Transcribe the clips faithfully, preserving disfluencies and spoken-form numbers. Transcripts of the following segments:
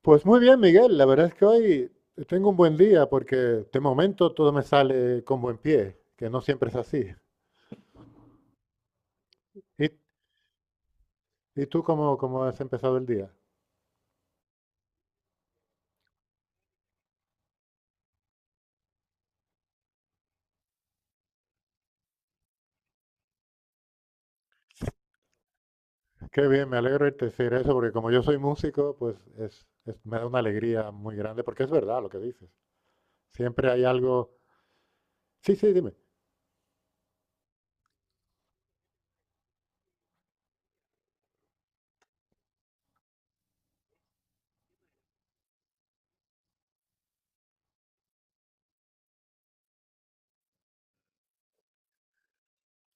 Pues muy bien, Miguel. La verdad es que hoy tengo un buen día porque de momento todo me sale con buen pie, que no siempre es así. ¿Y, y tú cómo, cómo has empezado el día? Qué bien, me alegro de te decir eso porque como yo soy músico, pues es, es- me da una alegría muy grande porque es verdad lo que dices. Siempre hay algo. Sí, sí, dime.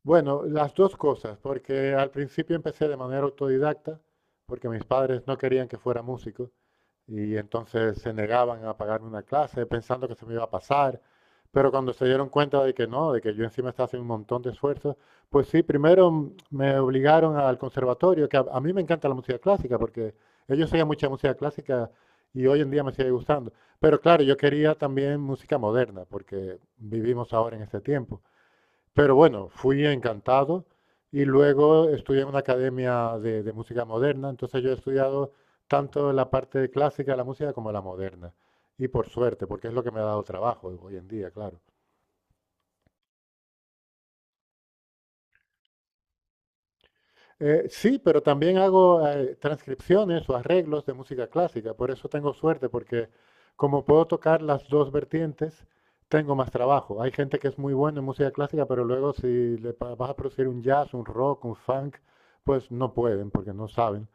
Bueno, las dos cosas, porque al principio empecé de manera autodidacta porque mis padres no querían que fuera músico, y entonces se negaban a pagarme una clase pensando que se me iba a pasar, pero cuando se dieron cuenta de que no, de que yo encima estaba haciendo un montón de esfuerzos, pues sí, primero mm, me obligaron al conservatorio, que a, a mí me encanta la música clásica, porque ellos oían mucha música clásica y hoy en día me sigue gustando. Pero claro, yo quería también música moderna, porque vivimos ahora en este tiempo. Pero bueno, fui encantado y luego estudié en una academia de, de música moderna. Entonces yo he estudiado tanto la parte clásica de la música como la moderna. Y por suerte, porque es lo que me ha dado trabajo hoy en día, claro. Eh, sí, pero también hago eh, transcripciones o arreglos de música clásica. Por eso tengo suerte, porque como puedo tocar las dos vertientes, tengo más trabajo. Hay gente que es muy buena en música clásica, pero luego si le pa- vas a producir un jazz, un rock, un funk, pues no pueden, porque no saben.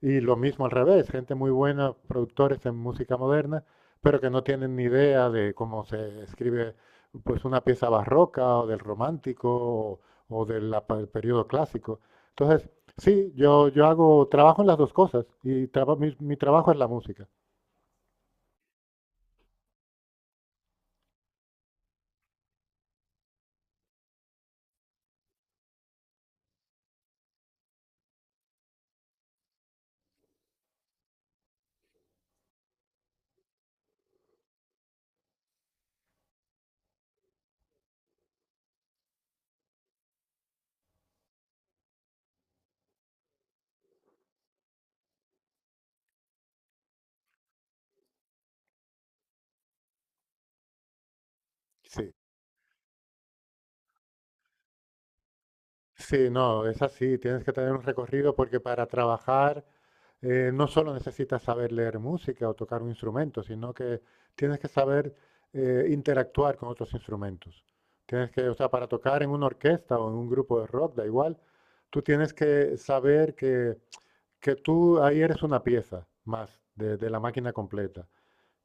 Y lo mismo al revés, gente muy buena, productores en música moderna, pero que no tienen ni idea de cómo se escribe pues una pieza barroca o del romántico o, o del la- periodo clásico. Entonces, sí, yo, yo hago, trabajo en las dos cosas y traba- mi, mi trabajo es la música. Sí, sí, no, es así, tienes que tener un recorrido porque para trabajar, eh, no solo necesitas saber leer música o tocar un instrumento, sino que tienes que saber eh, interactuar con otros instrumentos. Tienes que, o sea, para tocar en una orquesta o en un grupo de rock, da igual, tú tienes que saber que, que tú ahí eres una pieza más de, de la máquina completa.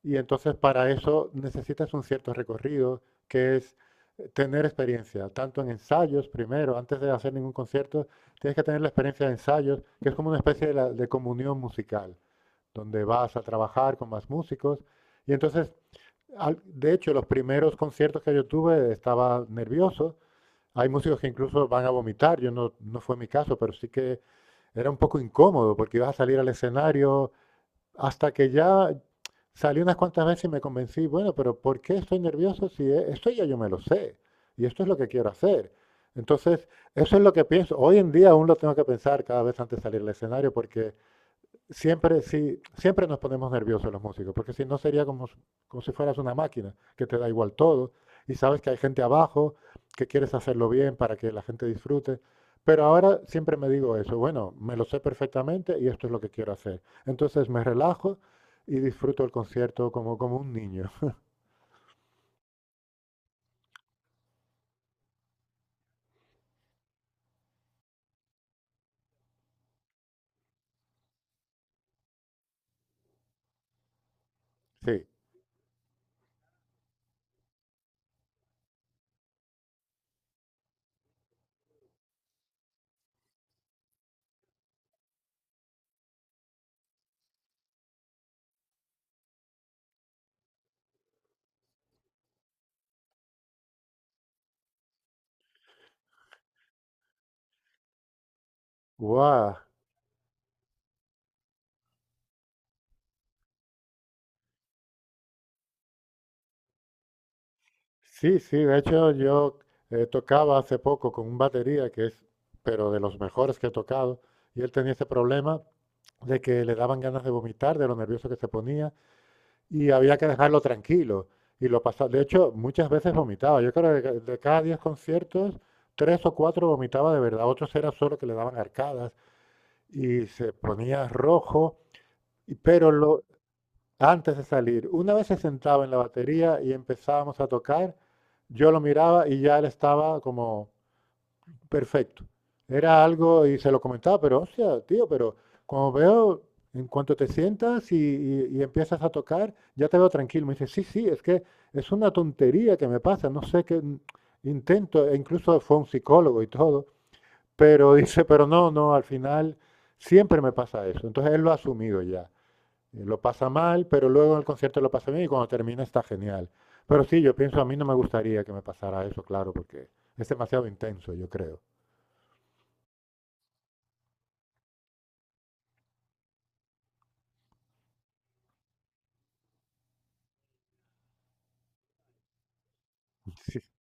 Y entonces para eso necesitas un cierto recorrido, que es eh, tener experiencia, tanto en ensayos primero, antes de hacer ningún concierto. Tienes que tener la experiencia de ensayos, que es como una especie de, la- de comunión musical, donde vas a trabajar con más músicos. Y entonces, al- de hecho, los primeros conciertos que yo tuve estaba nervioso. Hay músicos que incluso van a vomitar, yo no, no fue mi caso, pero sí que era un poco incómodo porque ibas a salir al escenario, hasta que ya salí unas cuantas veces y me convencí, bueno, pero ¿por qué estoy nervioso si e- esto ya yo me lo sé? Y esto es lo que quiero hacer. Entonces, eso es lo que pienso. Hoy en día aún lo tengo que pensar cada vez antes de salir al escenario porque siempre, sí, siempre nos ponemos nerviosos los músicos, porque si no sería como, s- como si fueras una máquina, que te da igual todo, y sabes que hay gente abajo, que quieres hacerlo bien para que la gente disfrute. Pero ahora siempre me digo eso, bueno, me lo sé perfectamente y esto es lo que quiero hacer. Entonces me relajo y disfruto el concierto como, como un niño. Sí. ¡Guau! Sí, sí, de hecho yo eh, tocaba hace poco con un batería que es, pero de los mejores que he tocado, y él tenía ese problema de que le daban ganas de vomitar, de lo nervioso que se ponía, y había que dejarlo tranquilo. Y lo pasaba. De hecho, muchas veces vomitaba. Yo creo que de cada diez conciertos, tres o cuatro vomitaba de verdad. Otros era solo que le daban arcadas y se ponía rojo. y- Pero lo, antes de salir, una vez se sentaba en la batería y empezábamos a tocar, yo lo miraba y ya él estaba como perfecto. Era algo, y se lo comentaba, pero hostia, tío, pero como veo, en cuanto te sientas y, y- y empiezas a tocar, ya te veo tranquilo. Me dice, sí, sí, es que es una tontería que me pasa, no sé qué mm, intento, e incluso fue un psicólogo y todo, pero dice, pero no, no, al final siempre me pasa eso. Entonces él lo ha asumido ya. Eh, Lo pasa mal, pero luego en el concierto lo pasa bien y cuando termina está genial. Pero sí, yo pienso, a mí no me gustaría que me pasara eso, claro, porque es demasiado intenso, yo creo.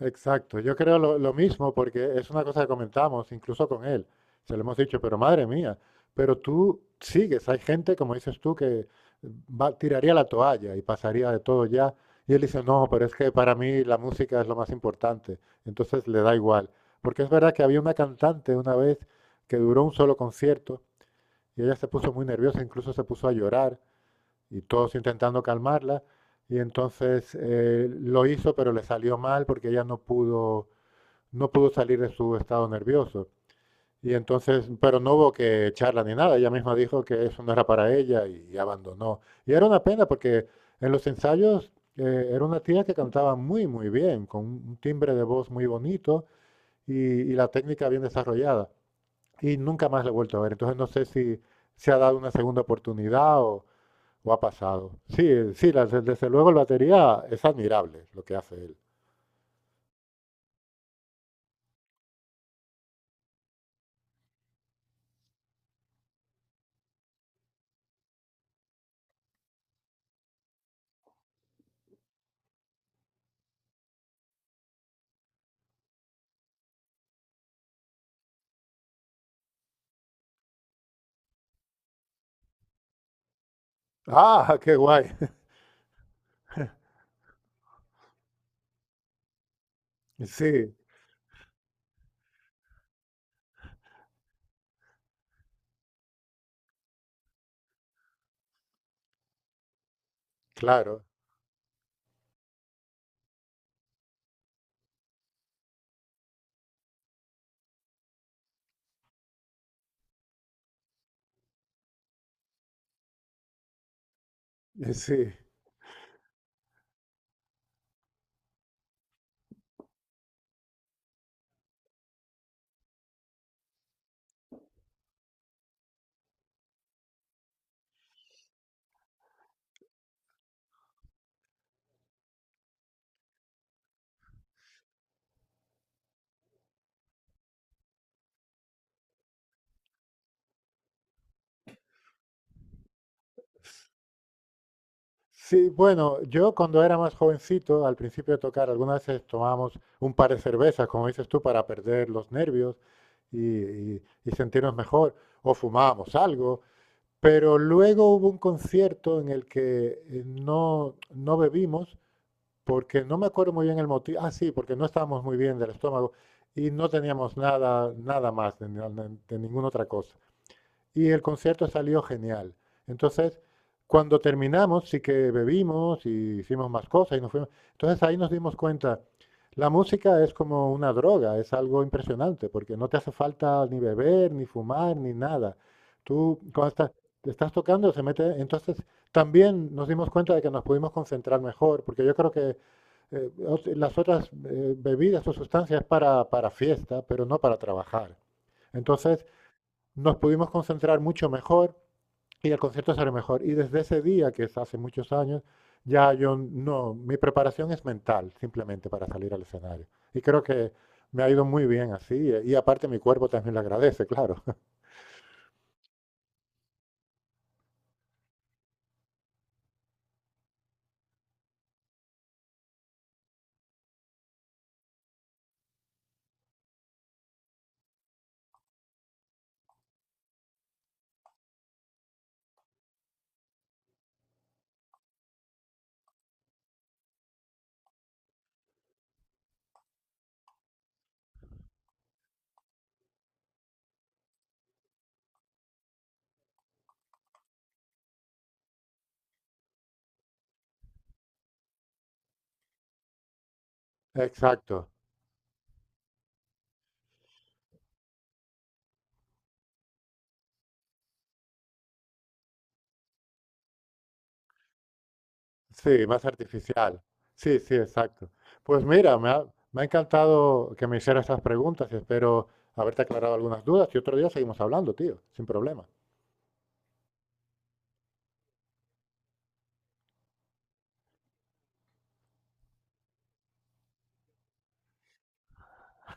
Exacto, yo creo lo, lo mismo porque es una cosa que comentamos incluso con él. Se lo hemos dicho, pero madre mía, pero tú sigues, hay gente, como dices tú, que va- tiraría la toalla y pasaría de todo ya. Y él dice, no, pero es que para mí la música es lo más importante. Entonces le da igual. Porque es verdad que había una cantante una vez que duró un solo concierto y ella se puso muy nerviosa, incluso se puso a llorar y todos intentando calmarla. Y entonces eh, lo hizo, pero le salió mal porque ella no pudo no pudo salir de su estado nervioso. Y entonces, pero no hubo que charla ni nada, ella misma dijo que eso no era para ella y abandonó. Y era una pena porque en los ensayos eh, era una tía que cantaba muy, muy bien, con un timbre de voz muy bonito y, y la técnica bien desarrollada. Y nunca más la he vuelto a ver. Entonces no sé si se ha dado una segunda oportunidad o, o ha pasado. Sí, eh, sí, la- desde desde luego el batería es admirable lo que hace él. Ah, qué guay. Sí, claro. Sí. Sí, bueno, yo cuando era más jovencito, al principio de tocar, algunas veces tomábamos un par de cervezas, como dices tú, para perder los nervios y, y- y sentirnos mejor, o fumábamos algo, pero luego hubo un concierto en el que eh, no, no bebimos, porque no me acuerdo muy bien el motivo, ah, sí, porque no estábamos muy bien del estómago y no teníamos nada, nada más de, ni- de ninguna otra cosa y el concierto salió genial. Entonces, cuando terminamos, sí que bebimos y hicimos más cosas y nos fuimos. Entonces ahí nos dimos cuenta, la música es como una droga, es algo impresionante, porque no te hace falta ni beber, ni fumar, ni nada. Tú, cuando estás, te estás tocando, se mete. Entonces, también nos dimos cuenta de que nos pudimos concentrar mejor, porque yo creo que eh, ot- las otras eh, bebidas o sustancias para, para fiesta, pero no para trabajar. Entonces, nos pudimos concentrar mucho mejor y el concierto salió mejor. Y desde ese día, que es hace muchos años, ya yo no, mi preparación es mental, simplemente para salir al escenario. Y creo que me ha ido muy bien así. eh, Y aparte mi cuerpo también lo agradece, claro. Exacto. Sí, más artificial. Sí, sí, exacto. Pues mira, me ha, me ha encantado que me hicieras estas preguntas y espero haberte aclarado algunas dudas. Y otro día seguimos hablando, tío, sin problema.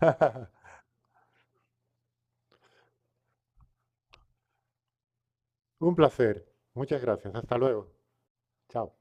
Un placer. Muchas gracias. Hasta luego. Chao.